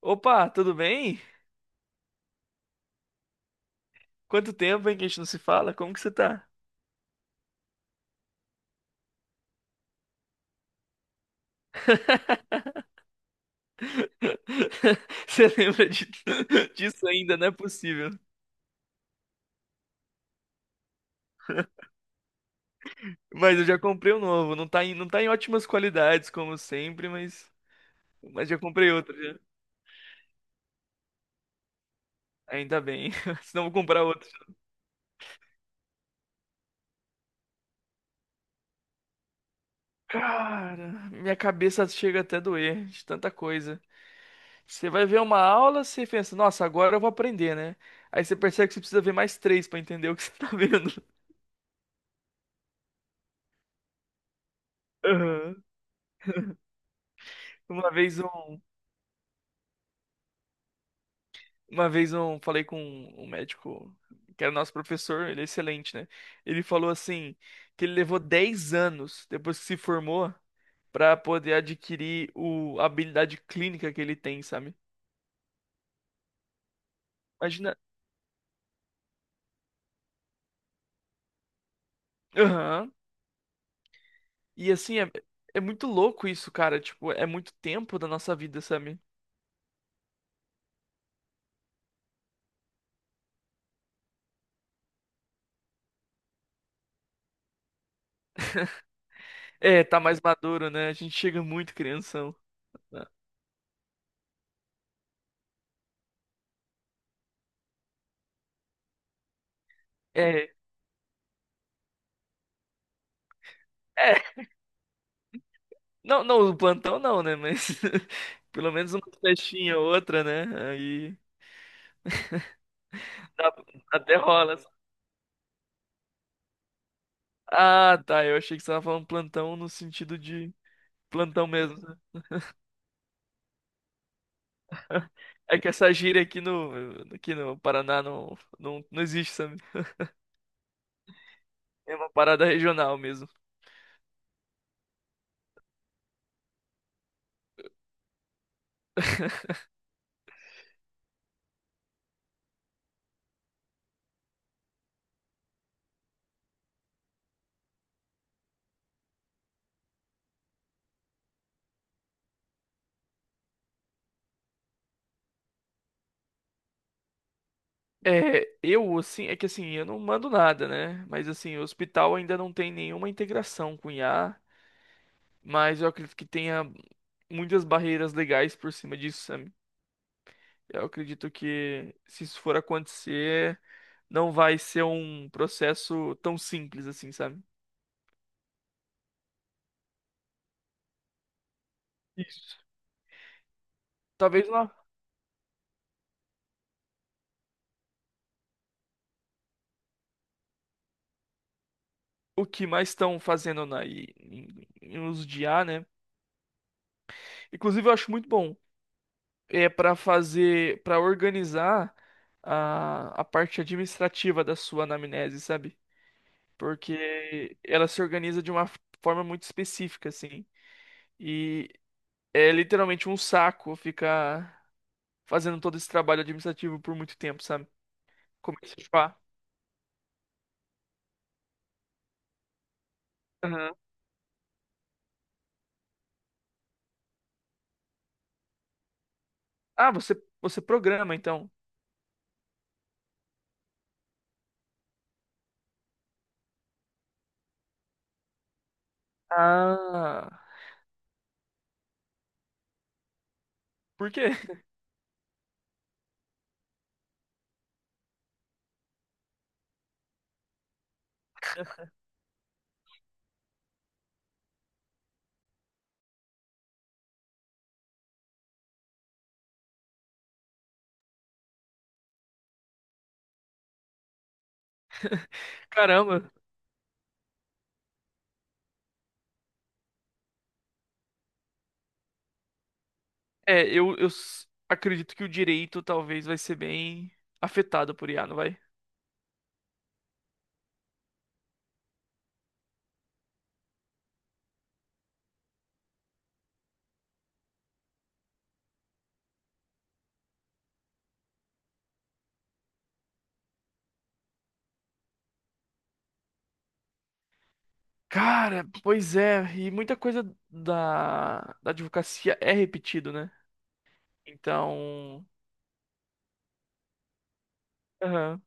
Opa, tudo bem? Quanto tempo, hein, que a gente não se fala? Como que você tá? Você lembra disso ainda? Não é possível. Mas eu já comprei um novo. Não tá em ótimas qualidades, como sempre, mas já comprei outro já. Ainda bem. Senão eu vou comprar outro. Cara, minha cabeça chega até a doer de tanta coisa. Você vai ver uma aula, você pensa, nossa, agora eu vou aprender, né? Aí você percebe que você precisa ver mais três pra entender o que você tá vendo. Aham. Uma vez um. Uma vez eu falei com um médico, que era nosso professor, ele é excelente, né? Ele falou assim, que ele levou 10 anos depois que se formou pra poder adquirir a habilidade clínica que ele tem, sabe? Imagina. Aham. E assim, é muito louco isso, cara. Tipo, é muito tempo da nossa vida, sabe? É, tá mais maduro, né? A gente chega muito crianção. Né? É, é. Não, não, o plantão não, né? Mas pelo menos uma festinha ou outra, né? Aí. Dá- Até rola. Ah, tá. Eu achei que você tava falando plantão no sentido de plantão mesmo. Sabe? É que essa gíria aqui no Paraná não, não, não existe, sabe? É uma parada regional mesmo. É, eu, assim, é que assim, eu não mando nada, né? Mas assim, o hospital ainda não tem nenhuma integração com IA, mas eu acredito que tenha muitas barreiras legais por cima disso, sabe? Eu acredito que se isso for acontecer, não vai ser um processo tão simples assim, sabe? Isso. Talvez lá o que mais estão fazendo na, em, em em uso de IA, né? Inclusive, eu acho muito bom. É para organizar a parte administrativa da sua anamnese, sabe? Porque ela se organiza de uma forma muito específica, assim. E é literalmente um saco ficar fazendo todo esse trabalho administrativo por muito tempo, sabe? Como é que se fala? Aham. Ah, você programa, então. Ah, por quê? Caramba. É, eu acredito que o direito talvez vai ser bem afetado por IA, não vai? Cara, pois é, e muita coisa da advocacia é repetido, né? Então, aham.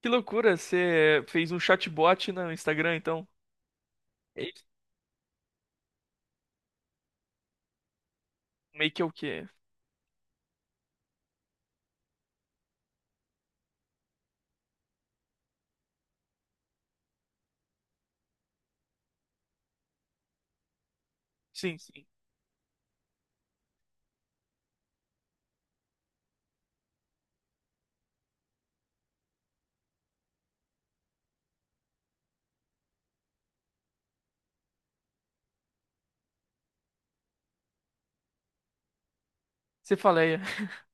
Que loucura, você fez um chatbot no Instagram, então? É isso? Meio que é o quê? Sim, sim. Você faleia.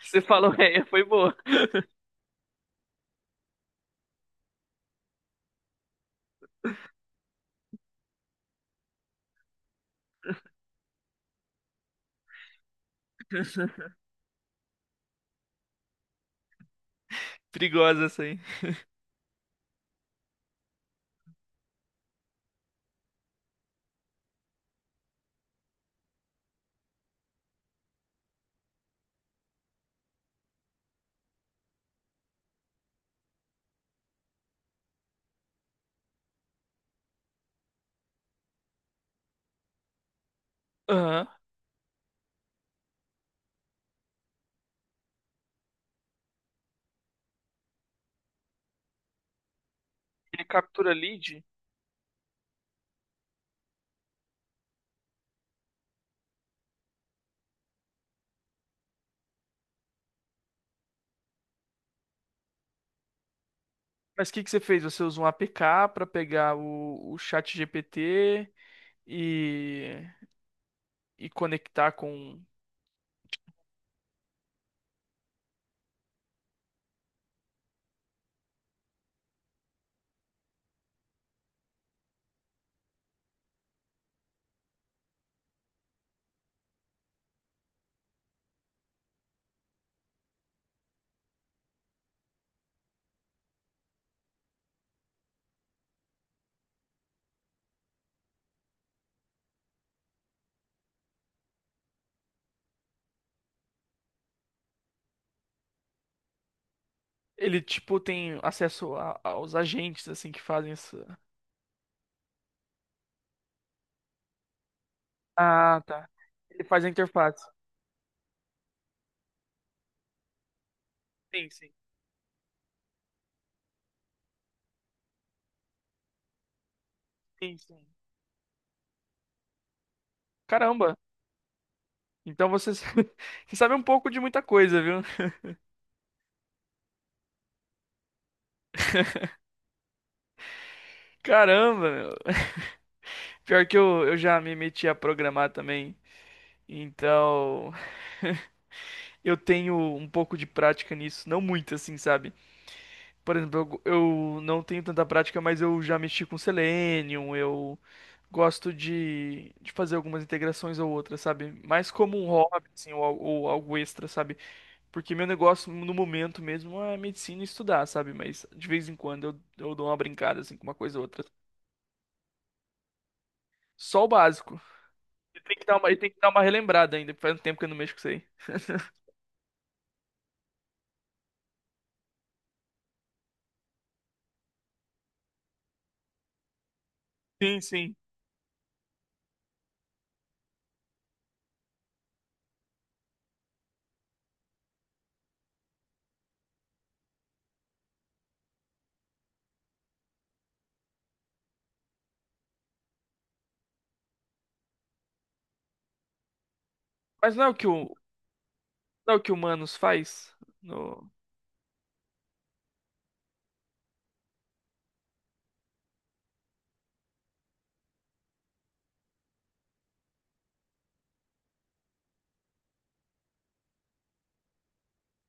Você falou, é, foi boa. Perigosa essa aí. Aham. Ele captura lead? Mas o que que você fez? Você usou um APK pra pegar o chat GPT? e, e conectar com. Ele, tipo, tem acesso aos agentes, assim, que fazem isso. Ah, tá. Ele faz a interface. Sim, sim, sim, sim. Caramba! Então você, você sabe um pouco de muita coisa, viu? Caramba, meu. Pior que eu já me meti a programar também. Então, eu tenho um pouco de prática nisso. Não muito, assim, sabe? Por exemplo, eu não tenho tanta prática, mas eu já mexi com Selenium, eu. Gosto de fazer algumas integrações ou outras, sabe? Mais como um hobby, assim, ou algo extra, sabe? Porque meu negócio no momento mesmo é medicina e estudar, sabe? Mas de vez em quando eu dou uma brincada, assim, com uma coisa ou outra. Só o básico. E tem que dar uma relembrada ainda, faz um tempo que eu não mexo com isso aí. Sim, sim. Mas não é o que o, não é o que o Manos faz? No...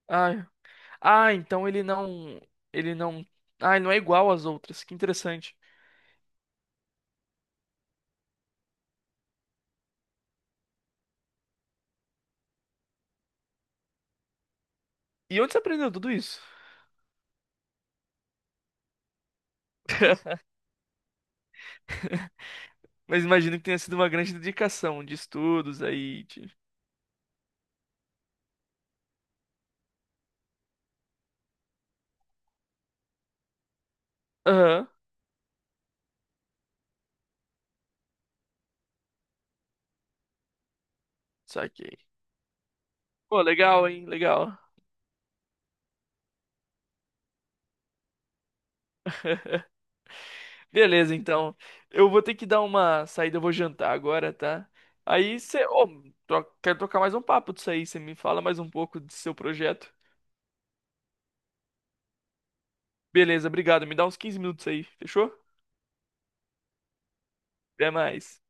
Ah, ah, então ele não. Ele não. Ah, ele não é igual às outras. Que interessante. E onde você aprendeu tudo isso? Mas imagino que tenha sido uma grande dedicação de estudos aí. Aham, saquei. Pô, legal, hein? Legal. Beleza, então. Eu vou ter que dar uma saída, eu vou jantar agora, tá? Aí você. Ô, quero trocar mais um papo disso aí. Você me fala mais um pouco do seu projeto. Beleza, obrigado. Me dá uns 15 minutos aí, fechou? Até mais.